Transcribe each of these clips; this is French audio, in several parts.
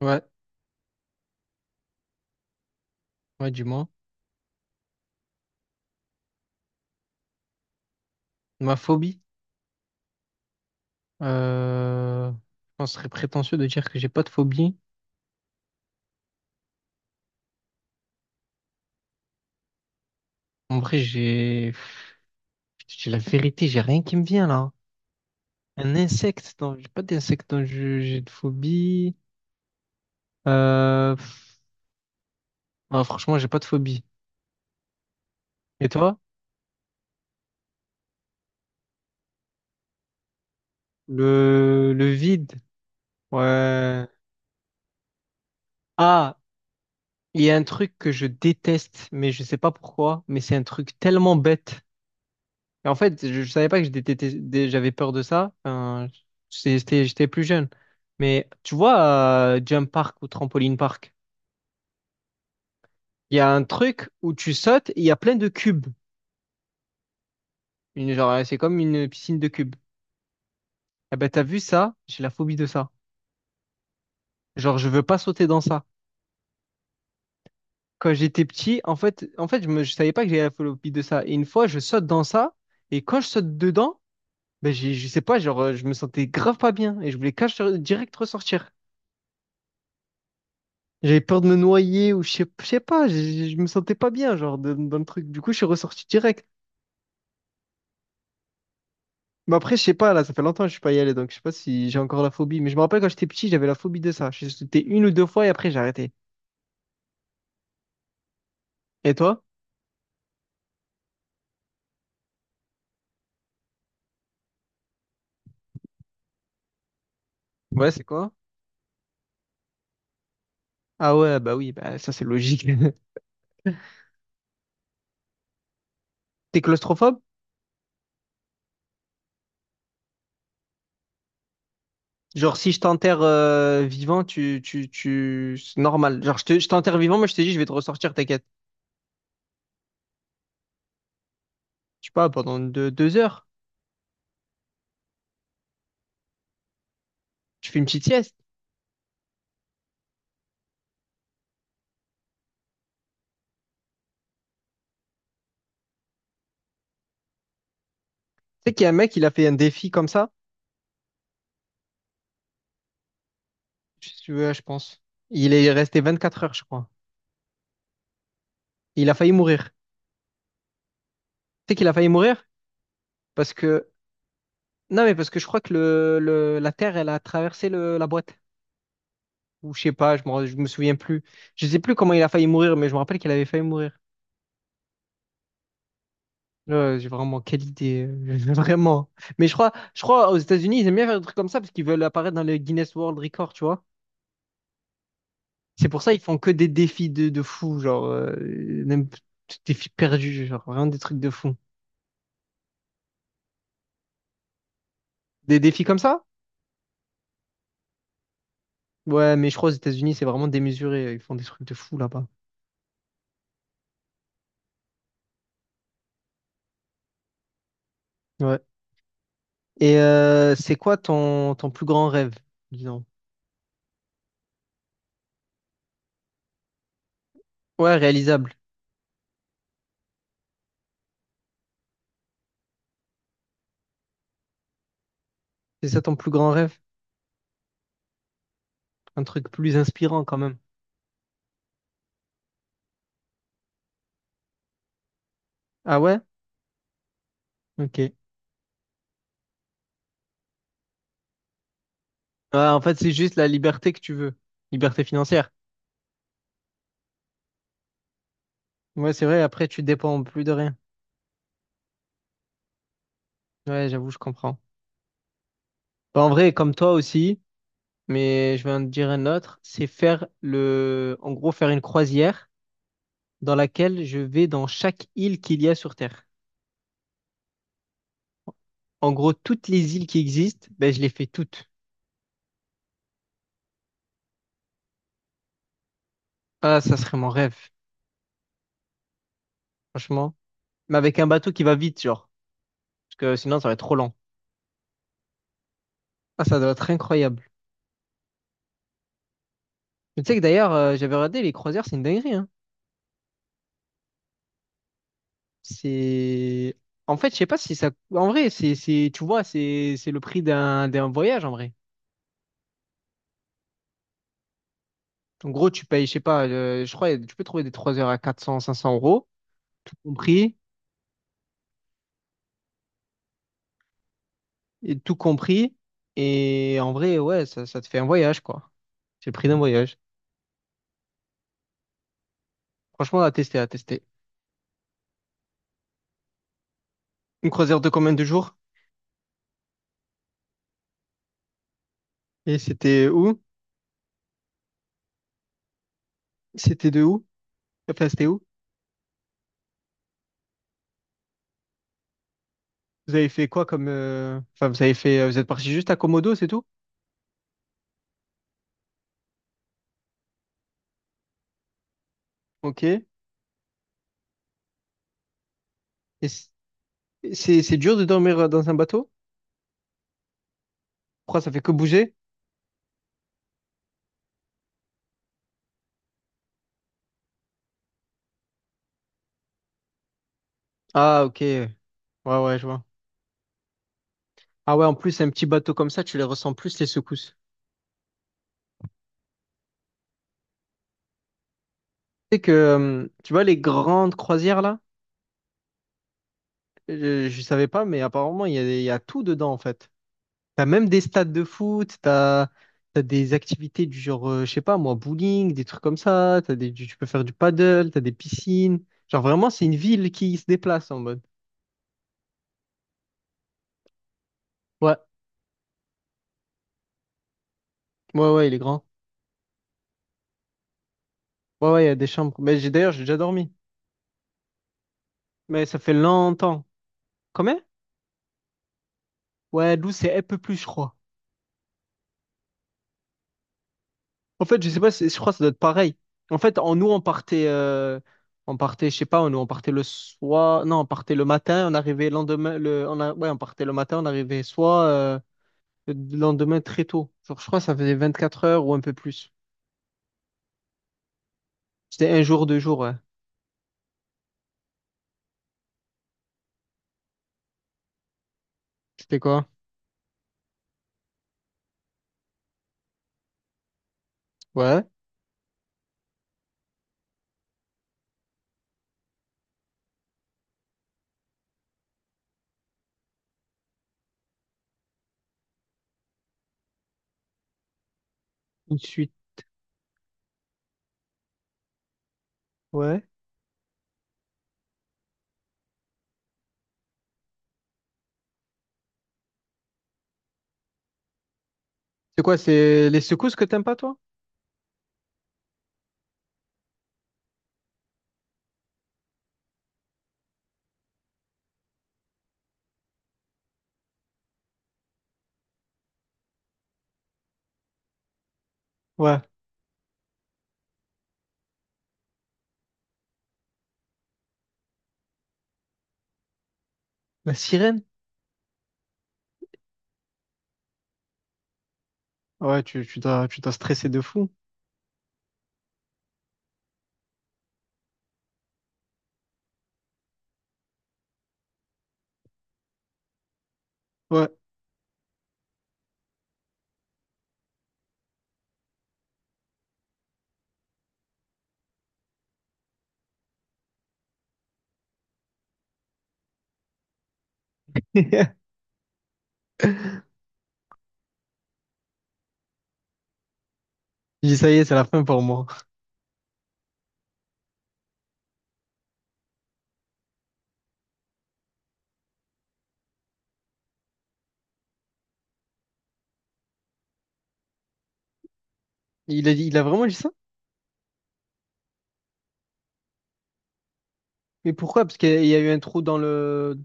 Ouais, ouais, du moins. Ma phobie, je pense que ce serait prétentieux de dire que j'ai pas de phobie. En vrai, j'ai la vérité, j'ai rien qui me vient là. Un insecte, non, j'ai pas d'insecte dont je- j'ai de phobie. Euh, pff, non, franchement, j'ai pas de phobie. Et toi? Le vide, ouais. Ah, il y a un truc que je déteste, mais je sais pas pourquoi, mais c'est un truc tellement bête. Et en fait, je savais pas que j'avais peur de ça. Enfin, j'étais plus jeune. Mais tu vois, Jump Park ou Trampoline Park, il y a un truc où tu sautes et il y a plein de cubes. Genre, c'est comme une piscine de cubes. Eh ben, t'as vu ça? J'ai la phobie de ça. Genre, je veux pas sauter dans ça. Quand j'étais petit, en fait, je savais pas que j'avais la phobie de ça. Et une fois, je saute dans ça et quand je saute dedans, ben, je sais pas, genre, je me sentais grave pas bien et je voulais cache direct ressortir. J'avais peur de me noyer ou je sais pas, je me sentais pas bien, genre, dans le truc. Du coup, je suis ressorti direct. Mais après, je sais pas, là, ça fait longtemps que je suis pas y allé, donc je sais pas si j'ai encore la phobie. Mais je me rappelle quand j'étais petit, j'avais la phobie de ça. J'ai C'était une ou deux fois et après, j'ai arrêté. Et toi? Ouais, c'est quoi? Ah ouais, bah oui, bah ça c'est logique. T'es claustrophobe? Genre, si je t'enterre vivant, c'est normal. Genre, je t'enterre vivant, moi je te dis, je vais te ressortir, t'inquiète. Je sais pas, pendant 2 heures, tu fais une petite sieste. Tu sais qu'il y a un mec, il a fait un défi comme ça. Si tu veux, je pense. Il est resté 24 heures, je crois. Il a failli mourir. Tu sais qu'il a failli mourir? Parce que. Non, mais parce que je crois que la Terre, elle a traversé la boîte. Ou je sais pas, je me souviens plus. Je sais plus comment il a failli mourir, mais je me rappelle qu'il avait failli mourir. Là, j'ai vraiment, quelle idée. Vraiment. Mais je crois aux États-Unis, ils aiment bien faire des trucs comme ça parce qu'ils veulent apparaître dans le Guinness World Record, tu vois. C'est pour ça ils font que des défis de fous, genre, même des défis perdus, genre, vraiment des trucs de fous. Des défis comme ça? Ouais, mais je crois aux États-Unis, c'est vraiment démesuré. Ils font des trucs de fou là-bas. Ouais. Et c'est quoi ton, plus grand rêve, disons? Ouais, réalisable. C'est ça ton plus grand rêve? Un truc plus inspirant quand même. Ah ouais? Ok. Ah, en fait, c'est juste la liberté que tu veux. Liberté financière. Ouais, c'est vrai, après, tu dépends plus de rien. Ouais, j'avoue, je comprends. Bah, en vrai, comme toi aussi, mais je vais en dire un autre, c'est en gros, faire une croisière dans laquelle je vais dans chaque île qu'il y a sur Terre. En gros, toutes les îles qui existent, ben, je les fais toutes. Ah, ça serait mon rêve, franchement. Mais avec un bateau qui va vite, genre. Parce que sinon, ça va être trop lent. Ah, ça doit être incroyable. Mais tu sais que d'ailleurs, j'avais regardé les croisières, c'est une dinguerie, hein. C'est... En fait, je sais pas si ça... En vrai, tu vois, c'est le prix d'un voyage, en vrai. En gros, tu payes, je sais pas, je crois, tu peux trouver des 3 heures à 400, 500 euros, tout compris, tout compris. Et en vrai, ouais, ça te fait un voyage, quoi. C'est le prix d'un voyage. Franchement, à tester, à tester. Une croisière de combien de jours? Et c'était où? C'était de où? Enfin, c'était où? Vous avez fait quoi comme... Enfin, vous avez fait... Vous êtes parti juste à Komodo, c'est tout? Ok. Et c- c'est dur de dormir dans un bateau? Pourquoi ça fait que bouger? Ah, ok. Ouais, ouais, je vois. Ah ouais, en plus, un petit bateau comme ça, tu les ressens plus, les secousses. Tu sais que... Tu vois, les grandes croisières, là? Je, savais pas, mais apparemment, il y a tout dedans, en fait. T'as même des stades de foot, t'as des activités du genre, je sais pas moi, bowling, des trucs comme ça, tu peux faire du paddle, t'as des piscines. Genre vraiment, c'est une ville qui se déplace en mode. Ouais, ouais, ouais, il est grand. Ouais, ouais, il y a des chambres. Mais j'ai d'ailleurs, j'ai déjà dormi. Mais ça fait longtemps. Combien? Ouais, Lou c'est un peu plus, je crois. En fait, je sais pas, je crois que ça doit être pareil. En fait, en nous, on partait, je sais pas, nous, on partait le soir, non, on partait le matin, on arrivait le lendemain, le, on a, ouais, on partait le matin, on arrivait soit. Le lendemain, très tôt. Genre, je crois que ça faisait 24 heures ou un peu plus. C'était un jour, 2 jours, ouais. C'était quoi? Ouais. Une suite. Ouais. C'est quoi? C'est les secousses que t'aimes pas, toi? Ouais. La sirène? Ouais, tu t'as stressé de fou. Ouais. J'ai dit, ça y est, c'est la fin pour moi. Il a vraiment dit ça? Mais pourquoi? Parce qu'il y a eu un trou dans le...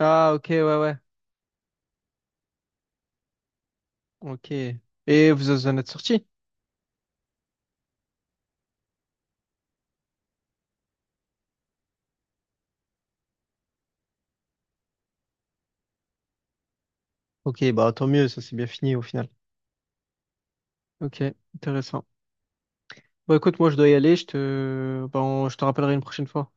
Ah, ok, ouais, ouais. Ok. Et vous en êtes sorti? Ok, bah tant mieux, ça s'est bien fini au final. Ok, intéressant. Bah écoute, moi je dois y aller, bah, je te rappellerai une prochaine fois.